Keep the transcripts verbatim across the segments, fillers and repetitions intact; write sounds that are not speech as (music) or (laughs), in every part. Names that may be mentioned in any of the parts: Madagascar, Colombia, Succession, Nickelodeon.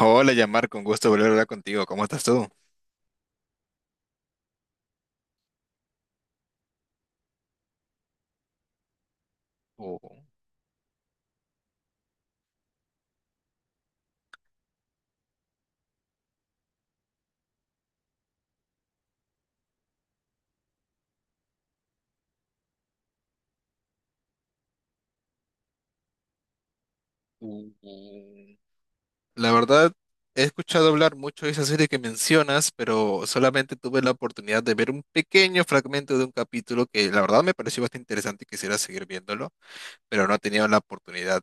Hola, Yamar, con gusto volver a hablar contigo. ¿Cómo estás tú? Oh, uh, uh. La verdad, he escuchado hablar mucho de esa serie que mencionas, pero solamente tuve la oportunidad de ver un pequeño fragmento de un capítulo que la verdad me pareció bastante interesante y quisiera seguir viéndolo, pero no he tenido la oportunidad.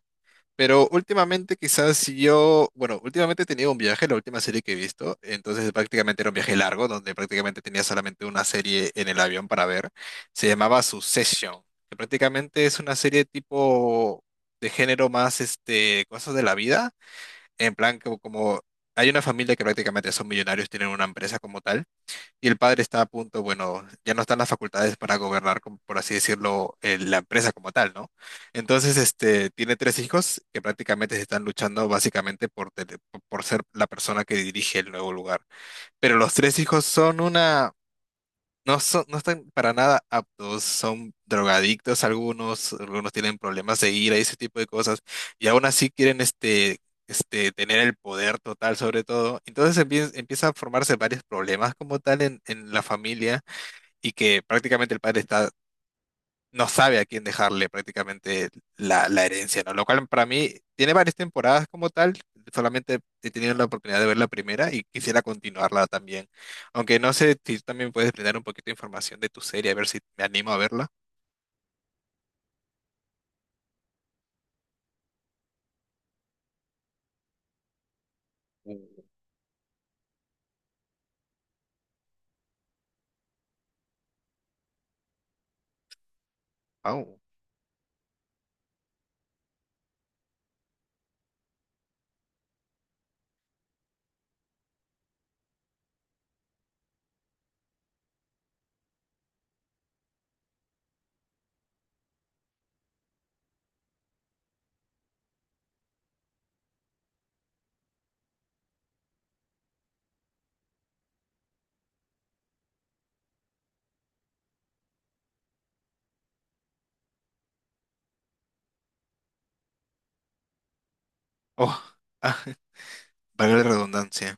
Pero últimamente quizás si yo, bueno, últimamente he tenido un viaje, la última serie que he visto, entonces prácticamente era un viaje largo, donde prácticamente tenía solamente una serie en el avión para ver, se llamaba Succession, que prácticamente es una serie tipo de género más, este, cosas de la vida, en plan como, como hay una familia que prácticamente son millonarios, tienen una empresa como tal, y el padre está a punto, bueno, ya no están las facultades para gobernar, como por así decirlo, eh, la empresa como tal, ¿no? Entonces, este, tiene tres hijos que prácticamente se están luchando básicamente por, tele- por por ser la persona que dirige el nuevo lugar. Pero los tres hijos son una... No son, no están para nada aptos, son drogadictos algunos, algunos tienen problemas de ira y ese tipo de cosas, y aún así quieren este, este, tener el poder total sobre todo. Entonces empie- empieza a formarse varios problemas como tal en, en la familia y que prácticamente el padre está no sabe a quién dejarle prácticamente la, la herencia, ¿no? Lo cual para mí tiene varias temporadas como tal, solamente he tenido la oportunidad de ver la primera y quisiera continuarla también. Aunque no sé si tú también puedes brindar un poquito de información de tu serie, a ver si me animo a verla. Uh, au. Oh, ah, (laughs) valga la redundancia.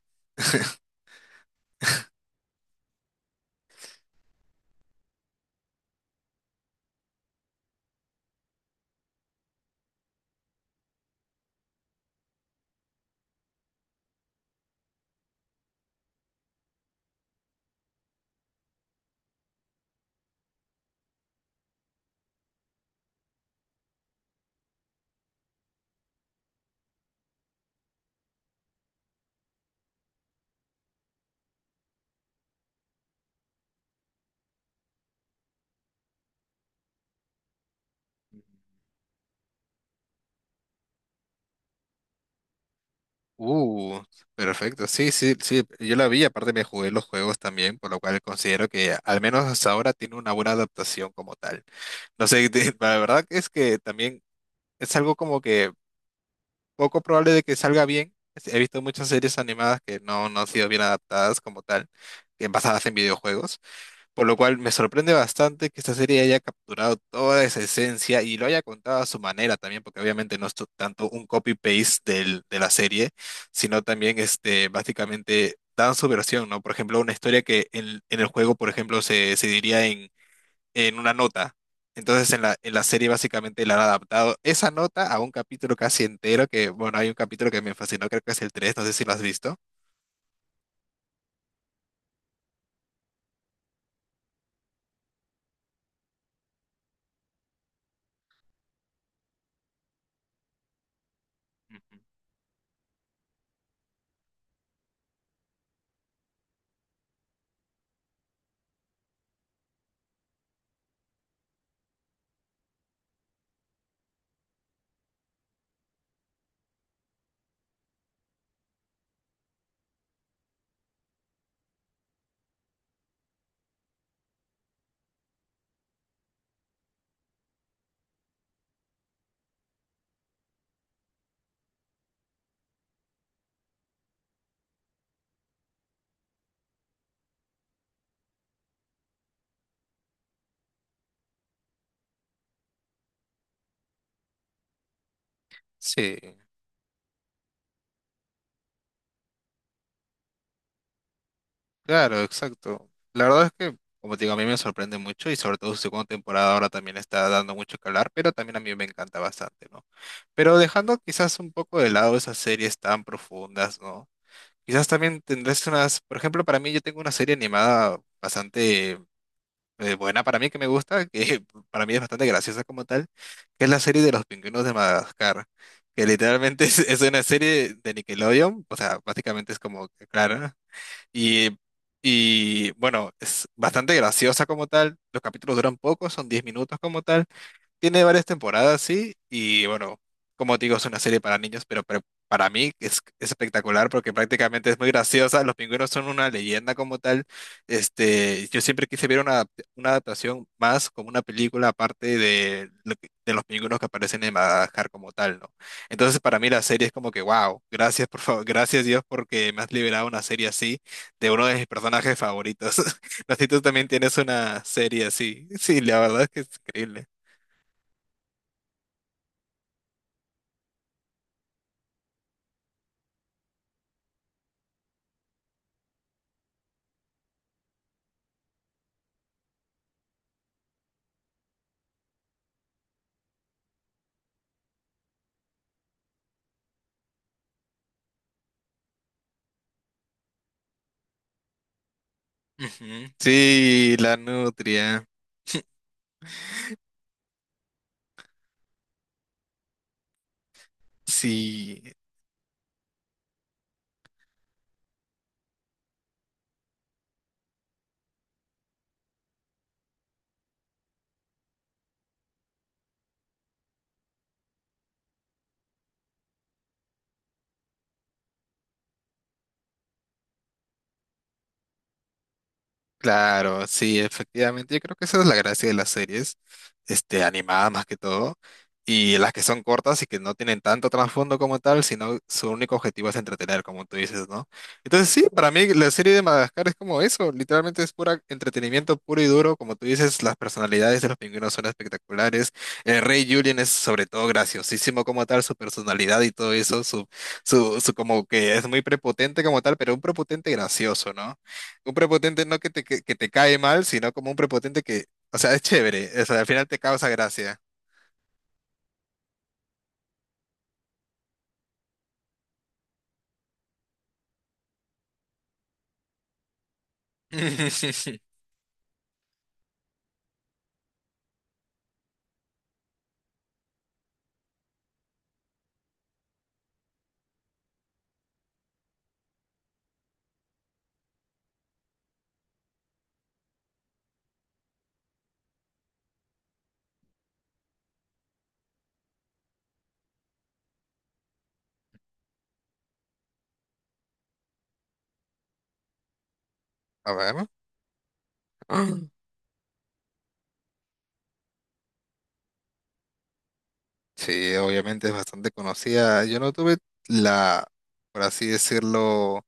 Uh, perfecto. Sí, sí, sí. Yo la vi, aparte me jugué los juegos también, por lo cual considero que al menos hasta ahora tiene una buena adaptación como tal. No sé, (laughs) de- la verdad que es que también es algo como que poco probable de que salga bien. He visto muchas series animadas que no, no han sido bien adaptadas como tal, que basadas en videojuegos, por lo cual me sorprende bastante que esta serie haya capturado toda esa esencia y lo haya contado a su manera también, porque obviamente no es to- tanto un copy-paste del, de la serie, sino también este, básicamente dan su versión, ¿no? Por ejemplo, una historia que en, en el juego, por ejemplo, se, se diría en en una nota. Entonces en la, en la serie básicamente le han adaptado esa nota a un capítulo casi entero, que bueno, hay un capítulo que me fascinó, creo que es el tres no sé si lo has visto. Ujú. Sí, claro, exacto. La verdad es que, como te digo, a mí me sorprende mucho y sobre todo su segunda temporada ahora también está dando mucho que hablar, pero también a mí me encanta bastante, ¿no? Pero dejando quizás un poco de lado esas series tan profundas, ¿no? Quizás también tendrás unas, por ejemplo, para mí yo tengo una serie animada bastante eh, buena para mí que me gusta, que (laughs) para mí es bastante graciosa como tal, que es la serie de los pingüinos de Madagascar, que literalmente (laughs) es, es una serie de Nickelodeon, o sea, básicamente es como que Clara, y, y bueno, es bastante graciosa como tal, los capítulos duran poco, son diez minutos como tal, tiene varias temporadas, sí, y bueno, como te digo, es una serie para niños, pero, pre- para mí es, es espectacular porque prácticamente es muy graciosa. Los pingüinos son una leyenda como tal. Este, yo siempre quise ver una, adap- una adaptación más como una película aparte de, lo que- de los pingüinos que aparecen en Madagascar como tal, ¿no? Entonces, para mí la serie es como que, wow, gracias, por favor, gracias Dios porque me has liberado una serie así de uno de mis personajes favoritos. (laughs) No sé si tú también tienes una serie así. Sí, la verdad es que es increíble. Ujú. Sí, la nutria. Sí, Claro, sí, efectivamente. Yo creo que esa es la gracia de las series, este, animadas más que todo, y las que son cortas y que no tienen tanto trasfondo como tal, sino su único objetivo es entretener, como tú dices, ¿no? Entonces sí, para mí la serie de Madagascar es como eso, literalmente es pura entretenimiento puro y duro, como tú dices, las personalidades de los pingüinos son espectaculares, el rey Julien es sobre todo graciosísimo como tal, su personalidad y todo eso, su, su, su como que es muy prepotente como tal, pero un prepotente gracioso, ¿no? Un prepotente no que te, que, que te cae mal, sino como un prepotente que, o sea, es chévere, o sea, al final te causa gracia. (laughs) A ver. Ah. Sí, obviamente es bastante conocida. Yo no tuve la, por así decirlo,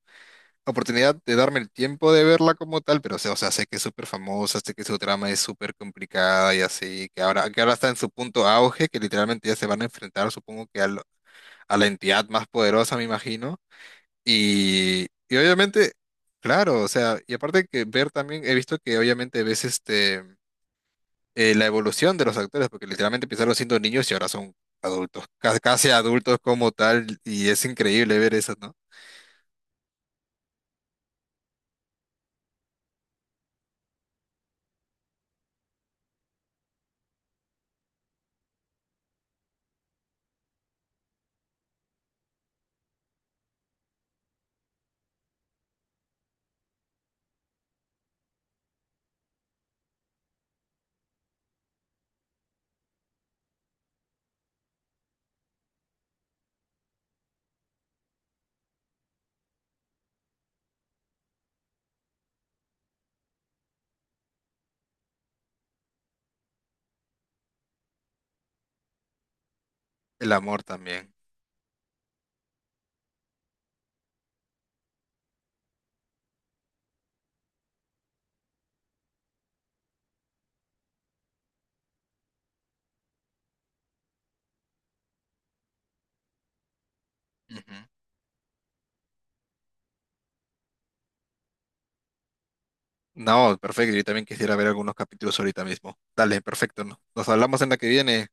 oportunidad de darme el tiempo de verla como tal, pero o sea, o sea, sé que es súper famosa, sé que su trama es súper complicada y así, que ahora, que ahora está en su punto auge, que literalmente ya se van a enfrentar, supongo que a, lo- a la entidad más poderosa, me imagino. Y, y obviamente, claro, o sea, y aparte que ver también, he visto que obviamente ves este eh, la evolución de los actores, porque literalmente empezaron siendo niños y ahora son adultos, ca- casi adultos como tal, y es increíble ver eso, ¿no? El amor también. Ujú. No, perfecto, yo también quisiera ver algunos capítulos ahorita mismo. Dale, perfecto, ¿no? Nos hablamos en la que viene.